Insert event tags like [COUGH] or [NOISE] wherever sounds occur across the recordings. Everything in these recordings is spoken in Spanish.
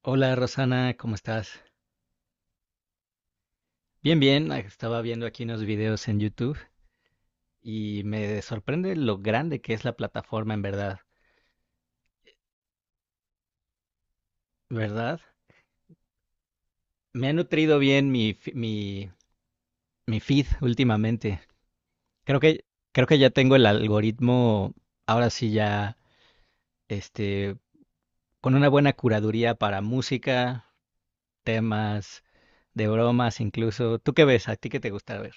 Hola Rosana, ¿cómo estás? Bien, bien, estaba viendo aquí unos videos en YouTube y me sorprende lo grande que es la plataforma en verdad, ¿verdad? Me ha nutrido bien mi feed últimamente. Creo que, creo que ya tengo el algoritmo, ahora sí ya, este, con una buena curaduría para música, temas, de bromas incluso. ¿Tú qué ves? ¿A ti qué te gusta ver?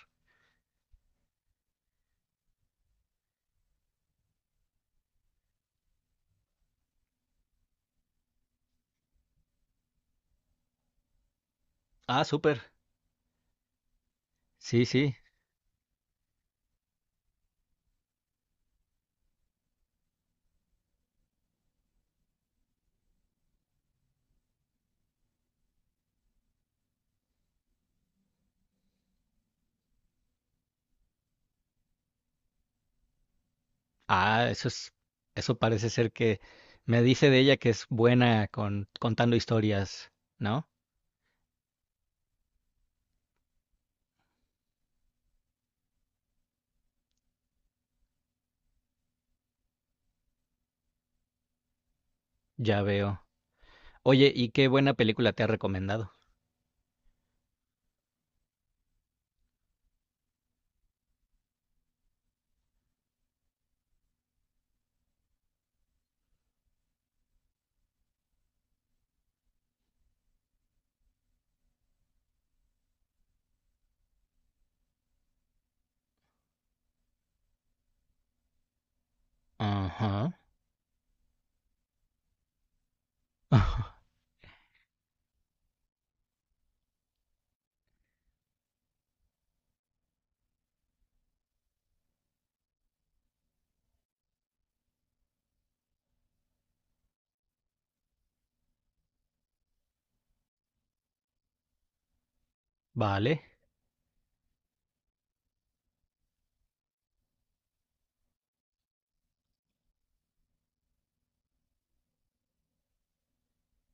Ah, súper. Sí, sí. Ah, eso es, eso parece ser que me dice de ella que es buena con contando historias, ¿no? Ya veo. Oye, ¿y qué buena película te ha recomendado? Ajá. [LAUGHS] Vale.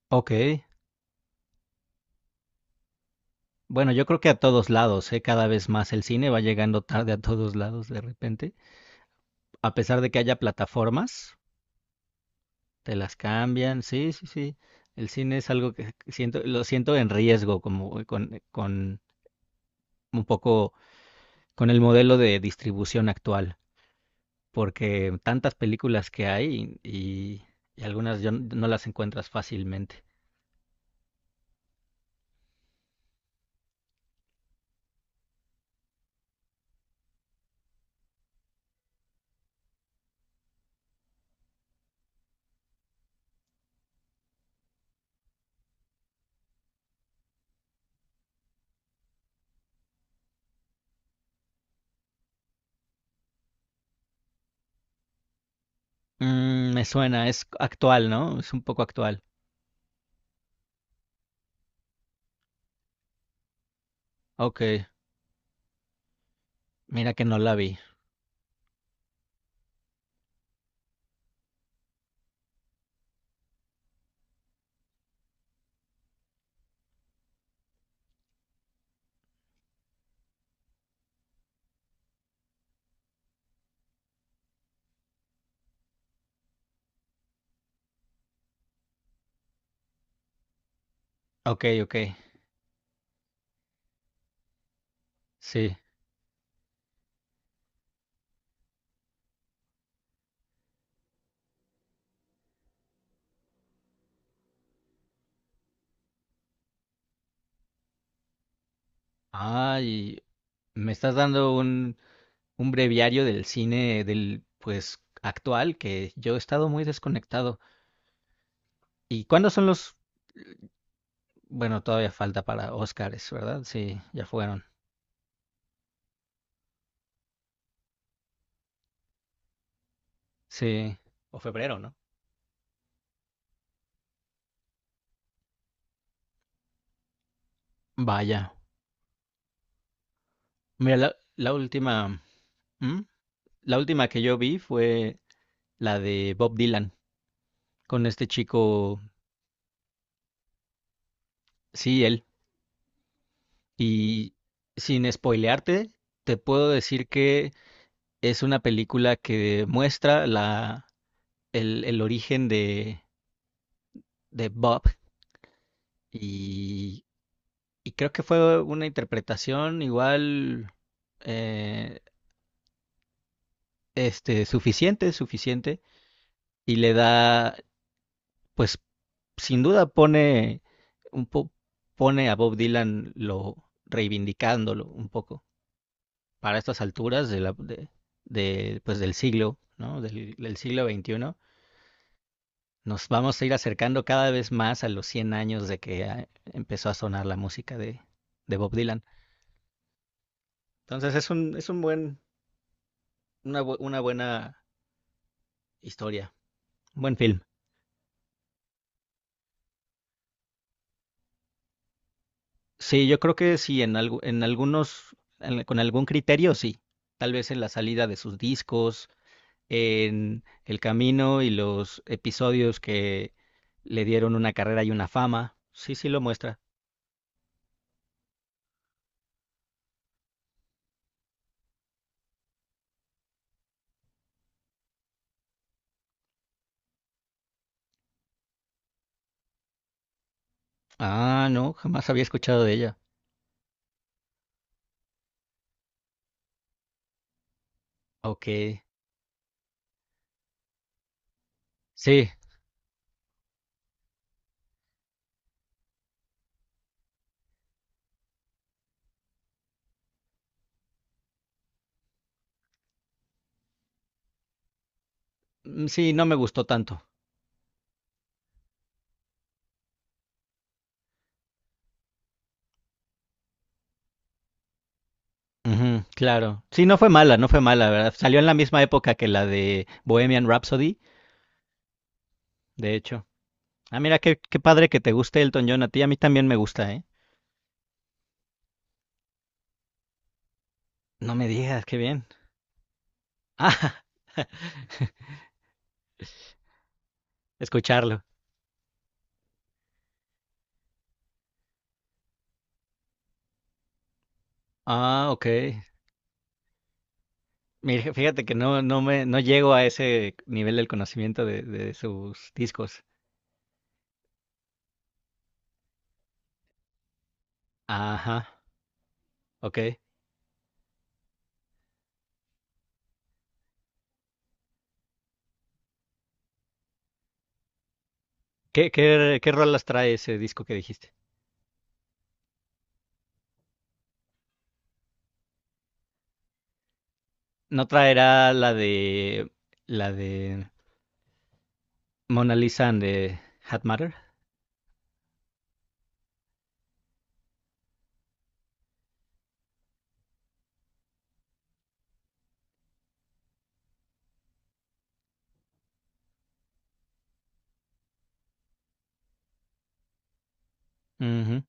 Ok. Bueno, yo creo que a todos lados, ¿eh? Cada vez más el cine va llegando tarde a todos lados de repente. A pesar de que haya plataformas, te las cambian. Sí, sí, sí. El cine es algo que siento, lo siento en riesgo, como con un poco con el modelo de distribución actual, porque tantas películas que hay y algunas yo no las encuentras fácilmente. Mm, me suena, es actual, ¿no? Es un poco actual. Ok, mira que no la vi. Ok, ok, sí. Ay, me estás dando un breviario del cine del, pues, actual, que yo he estado muy desconectado. ¿Y cuándo son los...? Bueno, todavía falta para Óscares, ¿verdad? Sí, ya fueron. Sí. O febrero, ¿no? Vaya. Mira, la última... ¿Mm? La última que yo vi fue la de Bob Dylan, con este chico, sí, él. Y sin spoilearte, te puedo decir que es una película que muestra el origen de Bob. Y, y creo que fue una interpretación igual eh, suficiente, suficiente. Y le da, pues, sin duda pone un po- pone a Bob Dylan lo reivindicándolo un poco para estas alturas de, pues, del siglo, ¿no? Del siglo 21. Nos vamos a ir acercando cada vez más a los 100 años de que empezó a sonar la música de Bob Dylan. Entonces es un buen, una, una buena historia, un buen film. Sí, yo creo que sí, en algunos, con algún criterio sí. Tal vez en la salida de sus discos, en el camino y los episodios que le dieron una carrera y una fama. Sí, sí lo muestra. Ah, no, jamás había escuchado de ella. Ok. Sí, sí, no me gustó tanto. Ujú, claro. Sí, no fue mala, no fue mala, ¿verdad? Salió en la misma época que la de Bohemian Rhapsody, de hecho. Ah, mira, qué, qué padre que te guste Elton John. A ti, a mí también me gusta, ¿eh? No me digas, qué bien. [LAUGHS] Ah, escucharlo. Ah, ok. Mira, fíjate que no, no me, no llego a ese nivel del conocimiento de sus discos. Ajá, ok. ¿Qué, qué, qué rolas trae ese disco que dijiste? ¿No traerá la de Mona Lisa and the Hat Matter? Ujú.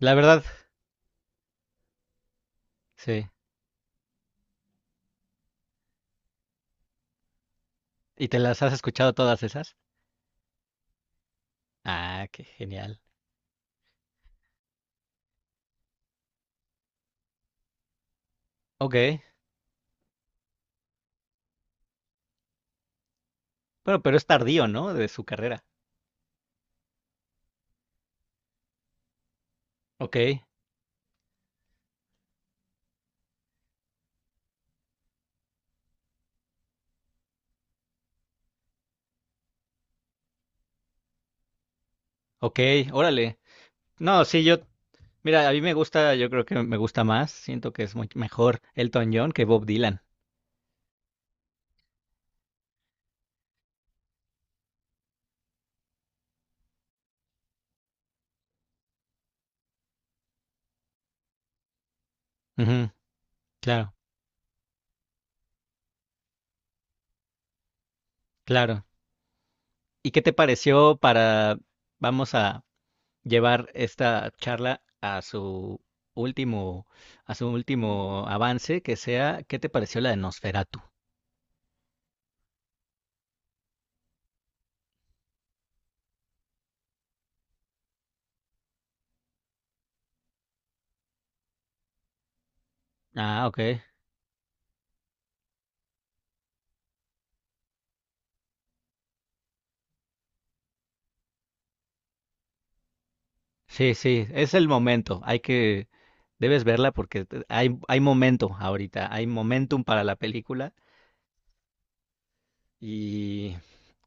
La verdad, sí. ¿Y te las has escuchado todas esas? Ah, qué genial. Ok. Pero es tardío, ¿no? De su carrera. Ok, ok, órale. No, sí, yo mira, a mí me gusta, yo creo que me gusta más, siento que es muy mejor Elton John que Bob Dylan. Ujú, claro, claro. ¿Y qué te pareció para, vamos a llevar esta charla a último, a su último avance, que sea, ¿qué te pareció la de Nosferatu? Ah, ok. Sí, sí, es el momento, hay que, debes verla porque hay, hay momento ahorita, hay momentum para la película y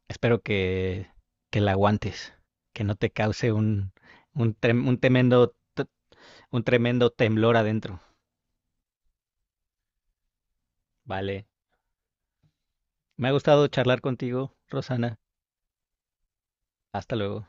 espero que la aguantes, que no te cause un tremendo, un tremendo temblor adentro. Vale. Me ha gustado charlar contigo, Rosana. Hasta luego.